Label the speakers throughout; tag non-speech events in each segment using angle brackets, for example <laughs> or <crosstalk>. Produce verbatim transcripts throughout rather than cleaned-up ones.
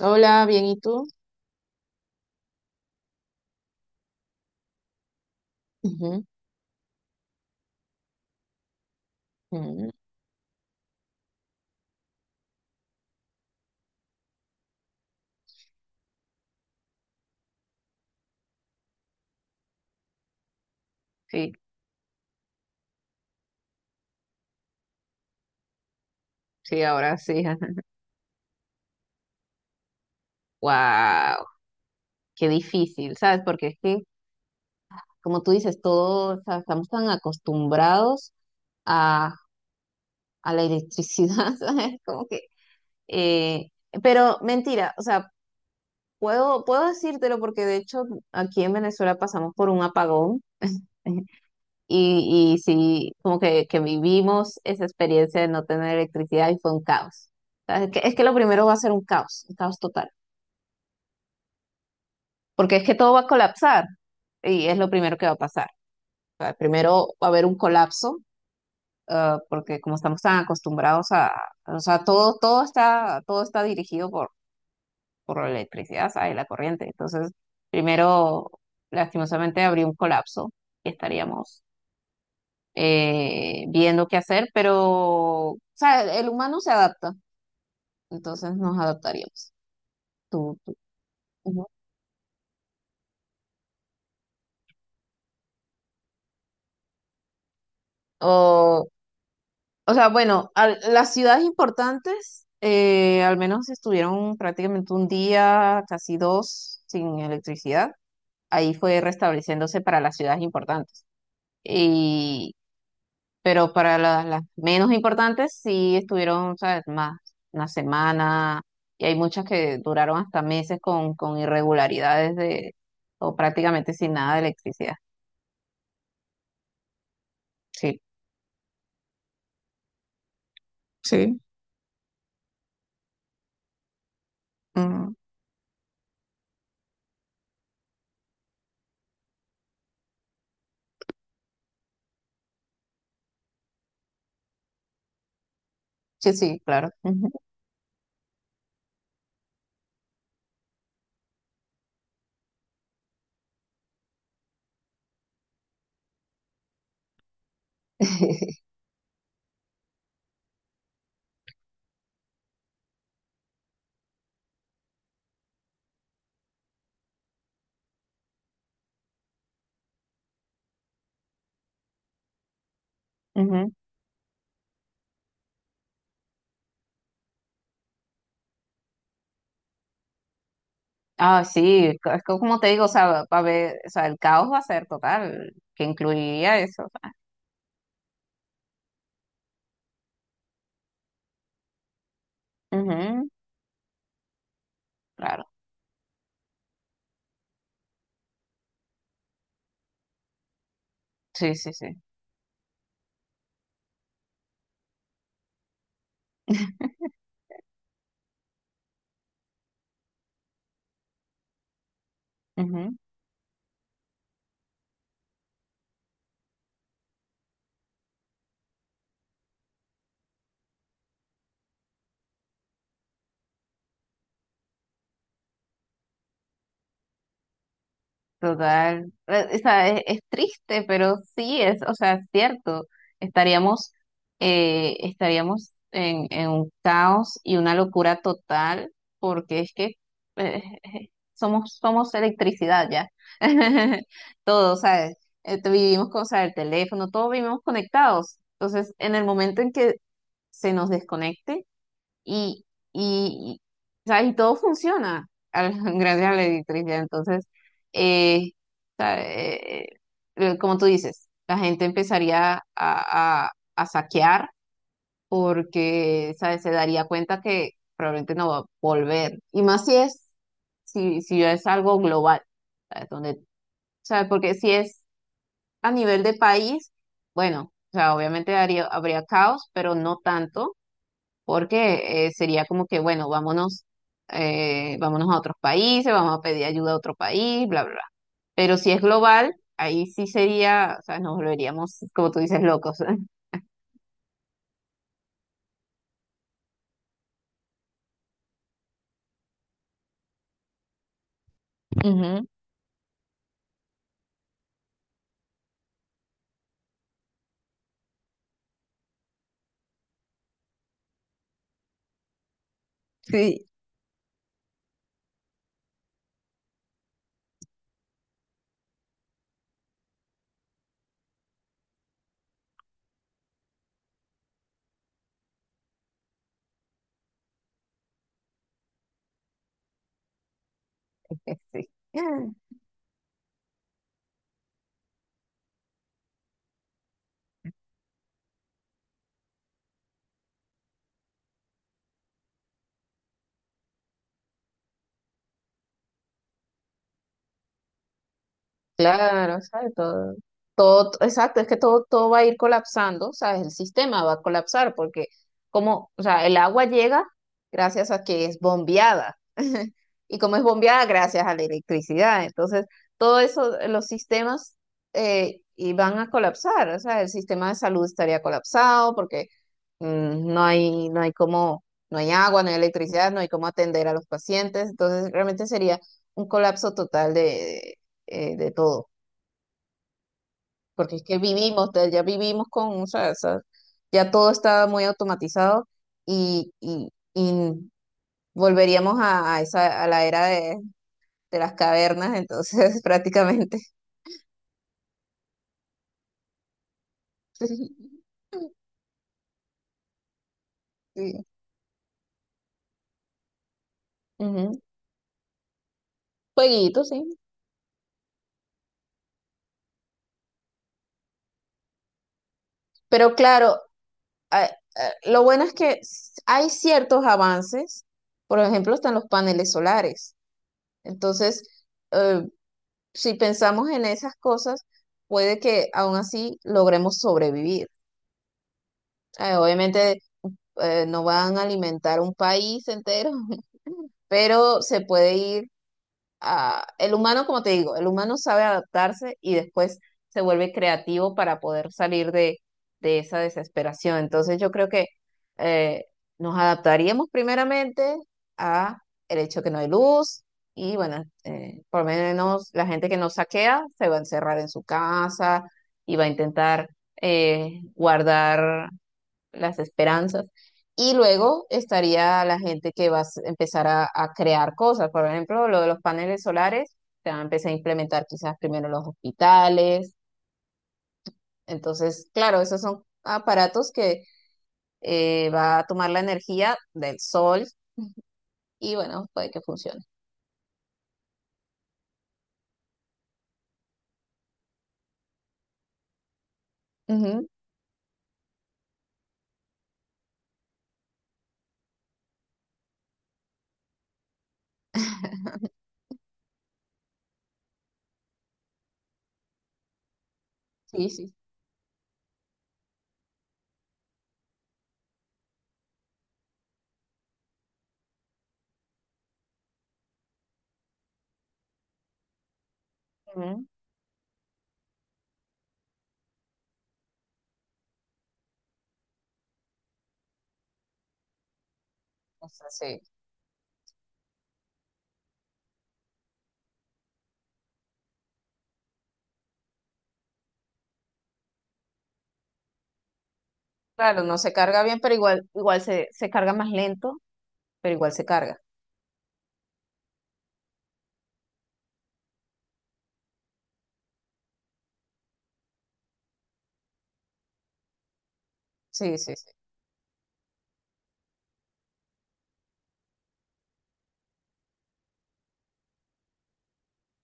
Speaker 1: Hola, bien, ¿y tú? Ujú, ujú. Sí, sí, ahora sí. <laughs> ajá. Wow, qué difícil, ¿sabes? Porque es que, como tú dices, todos, o sea, estamos tan acostumbrados a, a la electricidad, <laughs> ¿sabes? Como que, eh, pero mentira, o sea, puedo, puedo decírtelo porque de hecho aquí en Venezuela pasamos por un apagón <laughs> y, y sí, como que, que vivimos esa experiencia de no tener electricidad y fue un caos. O sea, es que, es que lo primero va a ser un caos, un caos total. Porque es que todo va a colapsar y es lo primero que va a pasar. O sea, primero va a haber un colapso, ah, porque como estamos tan acostumbrados a, o sea, todo, todo está, todo está dirigido por, por la electricidad, ¿sabes? La corriente. Entonces, primero, lastimosamente, habría un colapso y estaríamos eh, viendo qué hacer, pero, o sea, el humano se adapta, entonces nos adaptaríamos. Tú, tú. Ujú. O O sea, bueno, al- las ciudades importantes eh, al menos estuvieron prácticamente un día, casi dos, sin electricidad. Ahí fue restableciéndose para las ciudades importantes. Y, pero para la- las menos importantes sí estuvieron, ¿sabes? Más, una semana. Y hay muchas que duraron hasta meses con, con irregularidades de, o prácticamente sin nada de electricidad. Sí. Sí. Mm, sí, sí, claro. Ujú. <laughs> Ujú. Ah, sí, co- es que como te digo, o sea, va a haber, o sea, el caos va a ser total, que incluiría eso. Ujú, claro, sí, sí, sí. Total. Eh, o sea, es, es triste, pero sí es, o sea, es cierto. Estaríamos, eh, estaríamos en, en un caos y una locura total, porque es que eh, eh, somos, somos electricidad ya. <laughs> Todo, ¿sabes? Eh, te- vivimos con, o sea, el teléfono, todos vivimos conectados. Entonces, en el momento en que se nos desconecte, y, y, y, ¿sabes? Y todo funciona al- <laughs> gracias a la electricidad. Entonces, eh, ¿sabe? Eh, eh, como tú dices, la gente empezaría a, a- a saquear porque, ¿sabes? Se daría cuenta que probablemente no va a volver. Y más si es, si, si es algo global, ¿sabes? Donde, ¿sabes? Porque si es a nivel de país, bueno, o sea, obviamente haría- habría caos, pero no tanto porque eh, sería como que, bueno, vámonos, eh, vámonos a otros países, vamos a pedir ayuda a otro país, bla, bla, bla. Pero si es global, ahí sí sería, o sea, nos volveríamos, como tú dices, locos. <laughs> Ujú. Sí, <laughs> sí. Claro, ¿sabes? Todo, todo, exacto, es que todo, todo va a ir colapsando, ¿sabes? El sistema va a colapsar porque como, o sea, el agua llega gracias a que es bombeada <laughs> y como es bombeada gracias a la electricidad, entonces todo eso, eh, los sistemas eh, y van a colapsar, o sea, el sistema de salud estaría colapsado porque mm, no hay, no hay cómo, no hay agua, no hay electricidad, no hay cómo atender a los pacientes, entonces realmente sería un colapso total eh, de todo, porque es que vivimos, de- ya vivimos con, o sea, esa- ya todo está muy automatizado y, y, y volveríamos a, a esa, a la era de, de las cavernas, entonces <laughs> prácticamente. Sí. Sí. Ujú. Jueguito, sí. Pero claro, a- a- lo bueno es que s- hay ciertos avances, por ejemplo, están los paneles solares. Entonces, eh, si pensamos en esas cosas, puede que aún así logremos sobrevivir. Eh, obviamente eh, no van a alimentar un país entero, <laughs> pero se puede ir ah, el humano, como te digo, el humano sabe adaptarse y después se vuelve creativo para poder salir de, de esa desesperación. Entonces yo creo que eh, nos adaptaríamos primeramente a el hecho que no hay luz y bueno, eh, por lo menos la gente que nos saquea se va a encerrar en su casa y va a intentar eh, guardar las esperanzas. Y luego estaría la gente que va a s- empezar a, a crear cosas. Por ejemplo, lo de los paneles solares, se van a empezar a implementar quizás primero en los hospitales. Entonces, claro, esos son aparatos que eh, va a tomar la energía del sol y bueno, puede que funcione. Ujú, sí, sí. Ujú. O sea, sí. Claro, no se carga bien, pero igual, igual se, se carga más lento, pero igual se carga. Sí, sí, sí.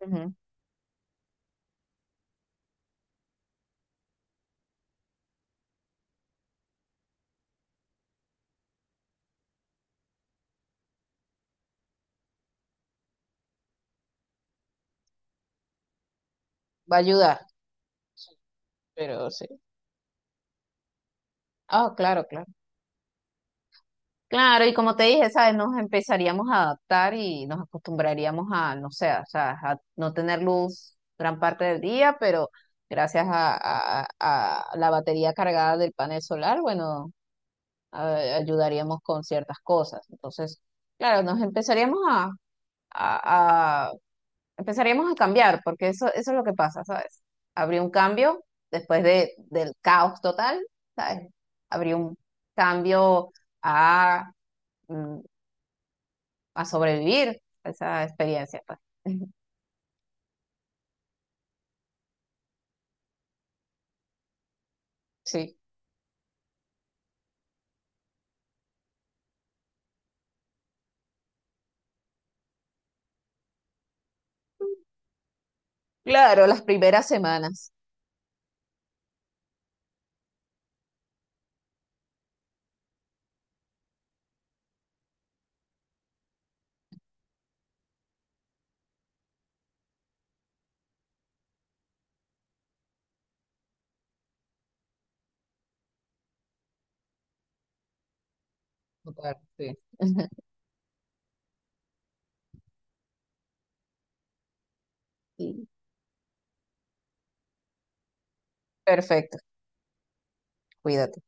Speaker 1: Ujú. Va a ayudar, pero sí. Ah, claro, claro. Claro, y como te dije, ¿sabes? Nos empezaríamos a adaptar y nos acostumbraríamos a, no sé, o sea, a no tener luz gran parte del día, pero gracias a, a- a la batería cargada del panel solar, bueno, a- ayudaríamos con ciertas cosas. Entonces, claro, nos empezaríamos a, a- a- empezaríamos a cambiar, porque eso, eso es lo que pasa, ¿sabes? Habría un cambio después de, del caos total, ¿sabes? Habría un cambio a... mm, a sobrevivir a esa experiencia, pues. <laughs> Sí. Claro, las primeras semanas. Total, sí. <laughs> Sí. Perfecto, cuídate.